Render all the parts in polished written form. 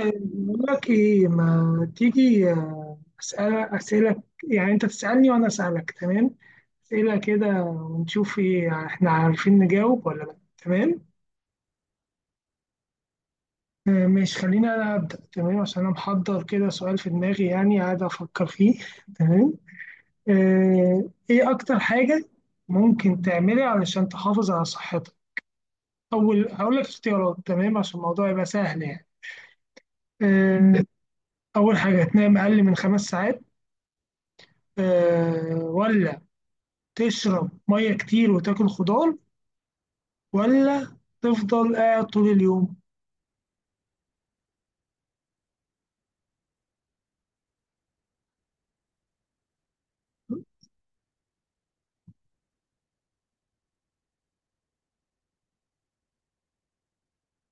بقول لك ايه، ما تيجي اسالك؟ يعني انت تسالني وانا اسالك، تمام. اسئله كده ونشوف ايه احنا عارفين نجاوب ولا لا، تمام. ماشي، خليني انا ابدا، تمام، عشان انا محضر كده سؤال في دماغي يعني، قاعد افكر فيه. تمام. آه، ايه اكتر حاجه ممكن تعملها علشان تحافظ على صحتك؟ اول هقول لك اختيارات تمام عشان الموضوع يبقى سهل يعني. آه، اول حاجه، تنام اقل من خمس ساعات؟ ولا تشرب مية كتير وتاكل خضار؟ ولا تفضل قاعد طول اليوم؟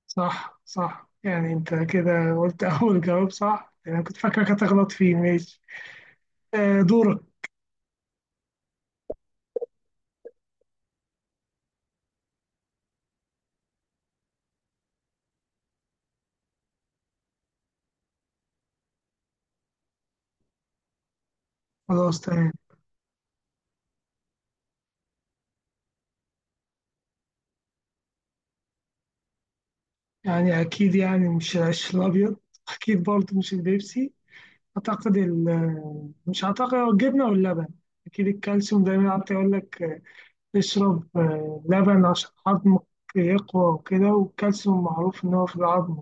صح، صح، يعني انت كده قلت اول جواب صح يعني، انا كنت فاكرك هتغلط فيه. ماشي. آه، دورك. خلاص تمام. يعني اكيد يعني مش العيش الابيض. اكيد برضه مش البيبسي. اعتقد مش اعتقد، هو الجبنه واللبن. اكيد الكالسيوم دايما قعدت يقول لك اشرب لبن عشان عظمك يقوى وكده، والكالسيوم معروف ان هو في العظم.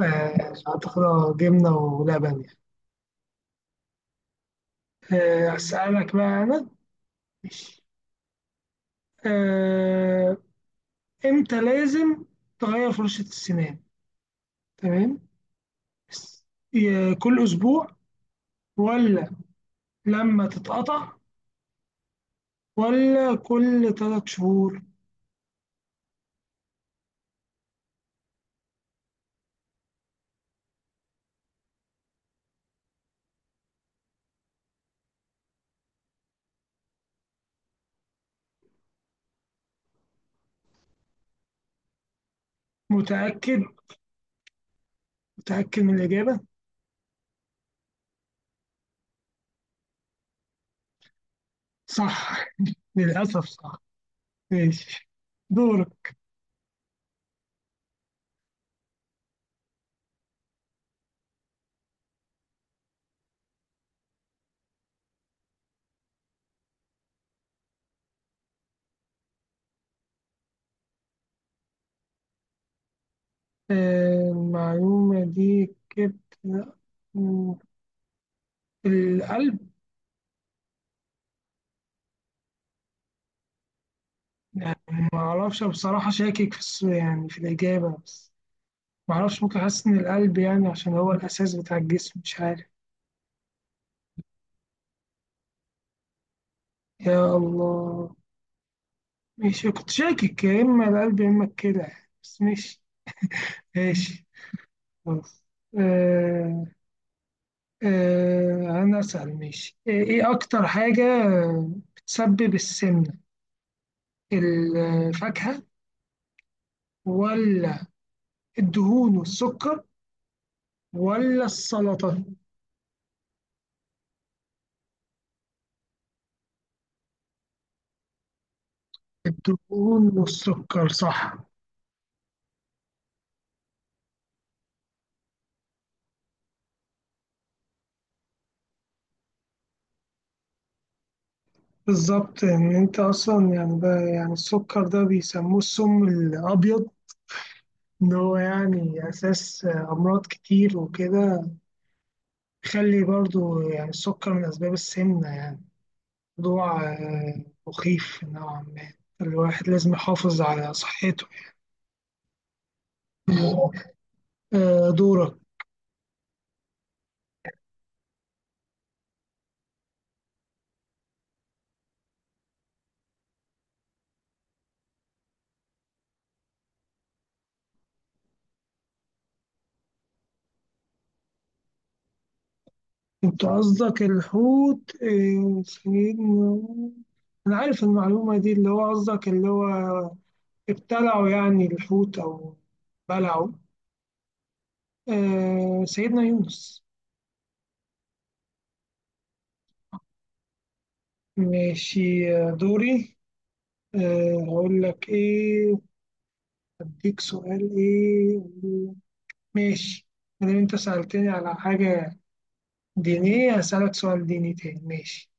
آه، أعتقد جبنة ولبن يعني. أسألك بقى أنا. آه، إمتى لازم تغير فرشة السنان؟ تمام. س- كل أسبوع؟ ولا لما تتقطع؟ ولا كل ثلاث شهور؟ متأكد؟ متأكد من الإجابة؟ صح. للأسف صح. ماشي، دورك. المعلومة دي كده، القلب. يعني ما اعرفش بصراحة، شاكك في الإجابة، بس ما اعرفش، ممكن حاسس إن القلب يعني، عشان هو الأساس بتاع الجسم، مش عارف. يا الله. ماشي، كنت شاكك يا إما القلب يا إما الكلى، بس ماشي. ماشي. خلاص. آه. آه أنا أسأل، ماشي. إيه إيه أكتر حاجة بتسبب السمنة؟ الفاكهة؟ ولا الدهون والسكر؟ ولا السلطة؟ الدهون والسكر، صح. بالظبط، ان انت اصلا يعني، ده يعني السكر ده بيسموه السم الابيض، ان هو يعني اساس امراض كتير وكده. خلي برضو يعني، السكر من اسباب السمنه يعني. موضوع مخيف نوعا ما، الواحد لازم يحافظ على صحته يعني. دورك. انت قصدك الحوت، سيدنا، انا عارف المعلومه دي، اللي هو قصدك اللي هو ابتلعوا يعني الحوت او بلعوا. آه، سيدنا يونس. ماشي. دوري. أقول لك إيه؟ أديك سؤال إيه؟ ماشي، مادام أنت سألتني على حاجة دينية، هسألك سؤال ديني تاني. ماشي،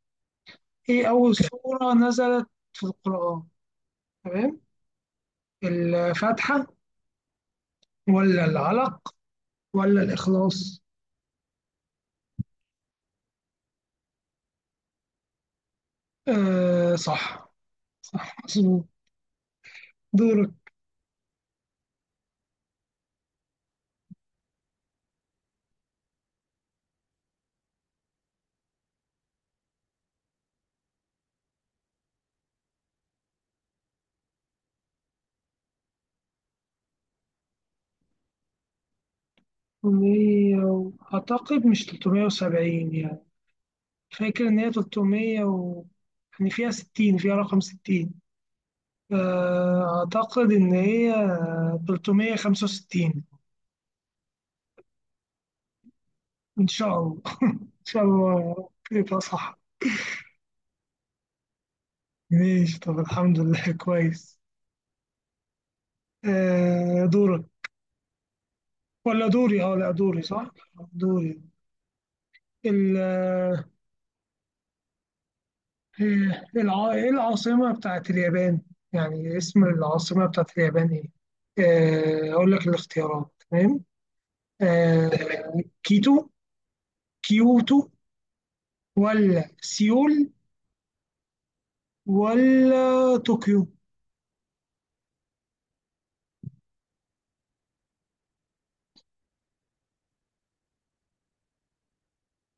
إيه أول سورة نزلت في القرآن؟ تمام. الفاتحة؟ ولا العلق؟ ولا الإخلاص؟ آه صح، مظبوط. دورك. أعتقد مش 370 يعني. فاكر إن هي 300 و يعني فيها 60، فيها رقم 60. أعتقد إن هي 365. إن شاء الله إن شاء الله يبقى صح. ماشي، طب الحمد لله كويس. دورك ولا دوري؟ اه لا، دوري صح. دوري. ال آه، إيه العاصمة بتاعت اليابان؟ يعني اسم العاصمة بتاعت اليابان ايه؟ أقول لك الاختيارات. تمام. كيتو؟ كيوتو؟ ولا سيول؟ ولا طوكيو؟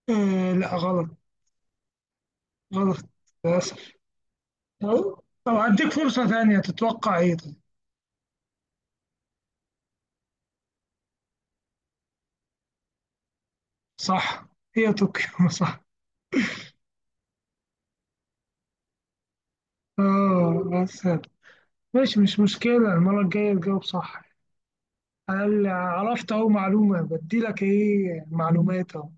آه لا، غلط، غلط، للأسف. طب، طب هديك فرصة ثانية، تتوقع ايه طيب؟ صح، هي طوكيو صح. اه بس ماشي، مش مشكلة، المرة الجاية تجاوب صح. أنا اللي عرفت أهو معلومة، بديلك ايه معلومات أهو.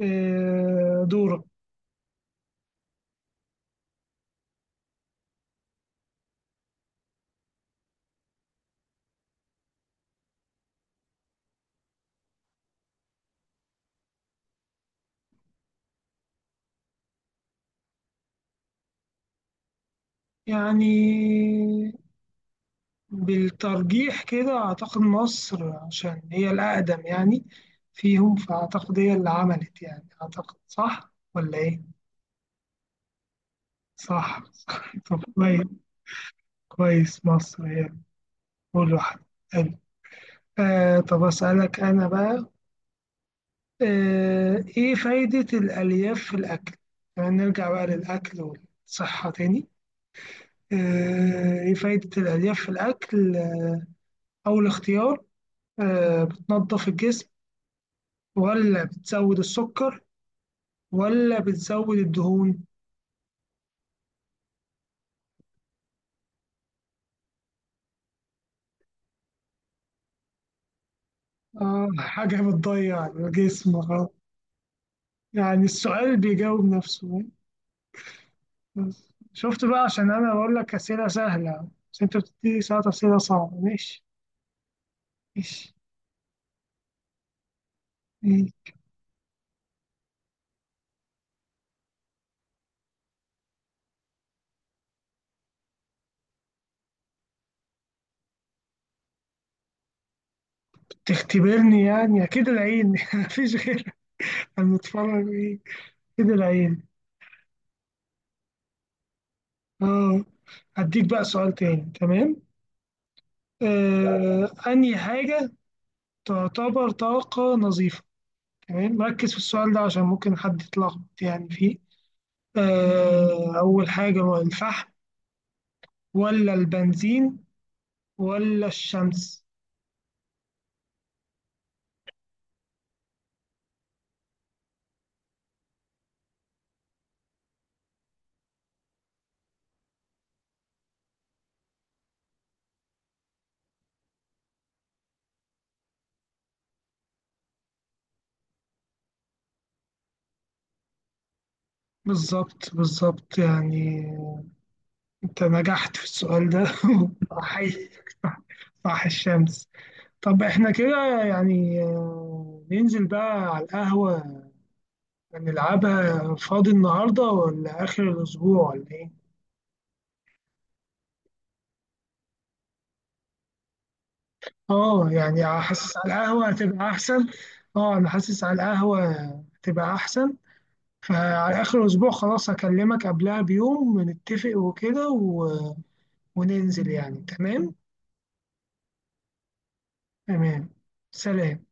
دورك. يعني بالترجيح كده أعتقد مصر، عشان هي الأقدم يعني فيهم، فأعتقد هي اللي عملت يعني. أعتقد صح ولا إيه؟ صح طب كويس. كويس، مصر هي أول واحدة. حلو. طب أسألك أنا بقى، إيه فايدة الألياف في الأكل؟ يعني نرجع بقى للأكل والصحة تاني. إيه فايدة الألياف في الأكل؟ أول اختيار، بتنظف الجسم؟ ولا بتزود السكر؟ ولا بتزود الدهون؟ آه، حاجة بتضيع الجسم خلاص. يعني السؤال بيجاوب نفسه. بس شفت بقى، عشان أنا بقول لك أسئلة سهلة، بس أنت بتديني ساعات أسئلة صعبة. ماشي، ماشي. ماشي. بتختبرني يعني، أكيد العين مفيش غيرك أنا متفرج إيه. أكيد العين. آه، هديك بقى سؤال تاني، تمام. أنهي حاجة تعتبر طاقة نظيفة؟ تمام ركز في السؤال ده عشان ممكن حد يتلخبط يعني فيه. أول حاجة، هو الفحم؟ ولا البنزين؟ ولا الشمس؟ بالظبط، بالظبط يعني، أنت نجحت في السؤال ده. أحييك، صح، صح الشمس. طب إحنا كده يعني ننزل بقى على القهوة. نلعبها فاضي النهاردة ولا آخر الأسبوع ولا إيه؟ آه يعني، حاسس على القهوة هتبقى أحسن. آه أنا حاسس على القهوة هتبقى أحسن. فعلى آخر الأسبوع خلاص، هكلمك قبلها بيوم نتفق وكده، و... وننزل يعني. تمام، تمام. سلام.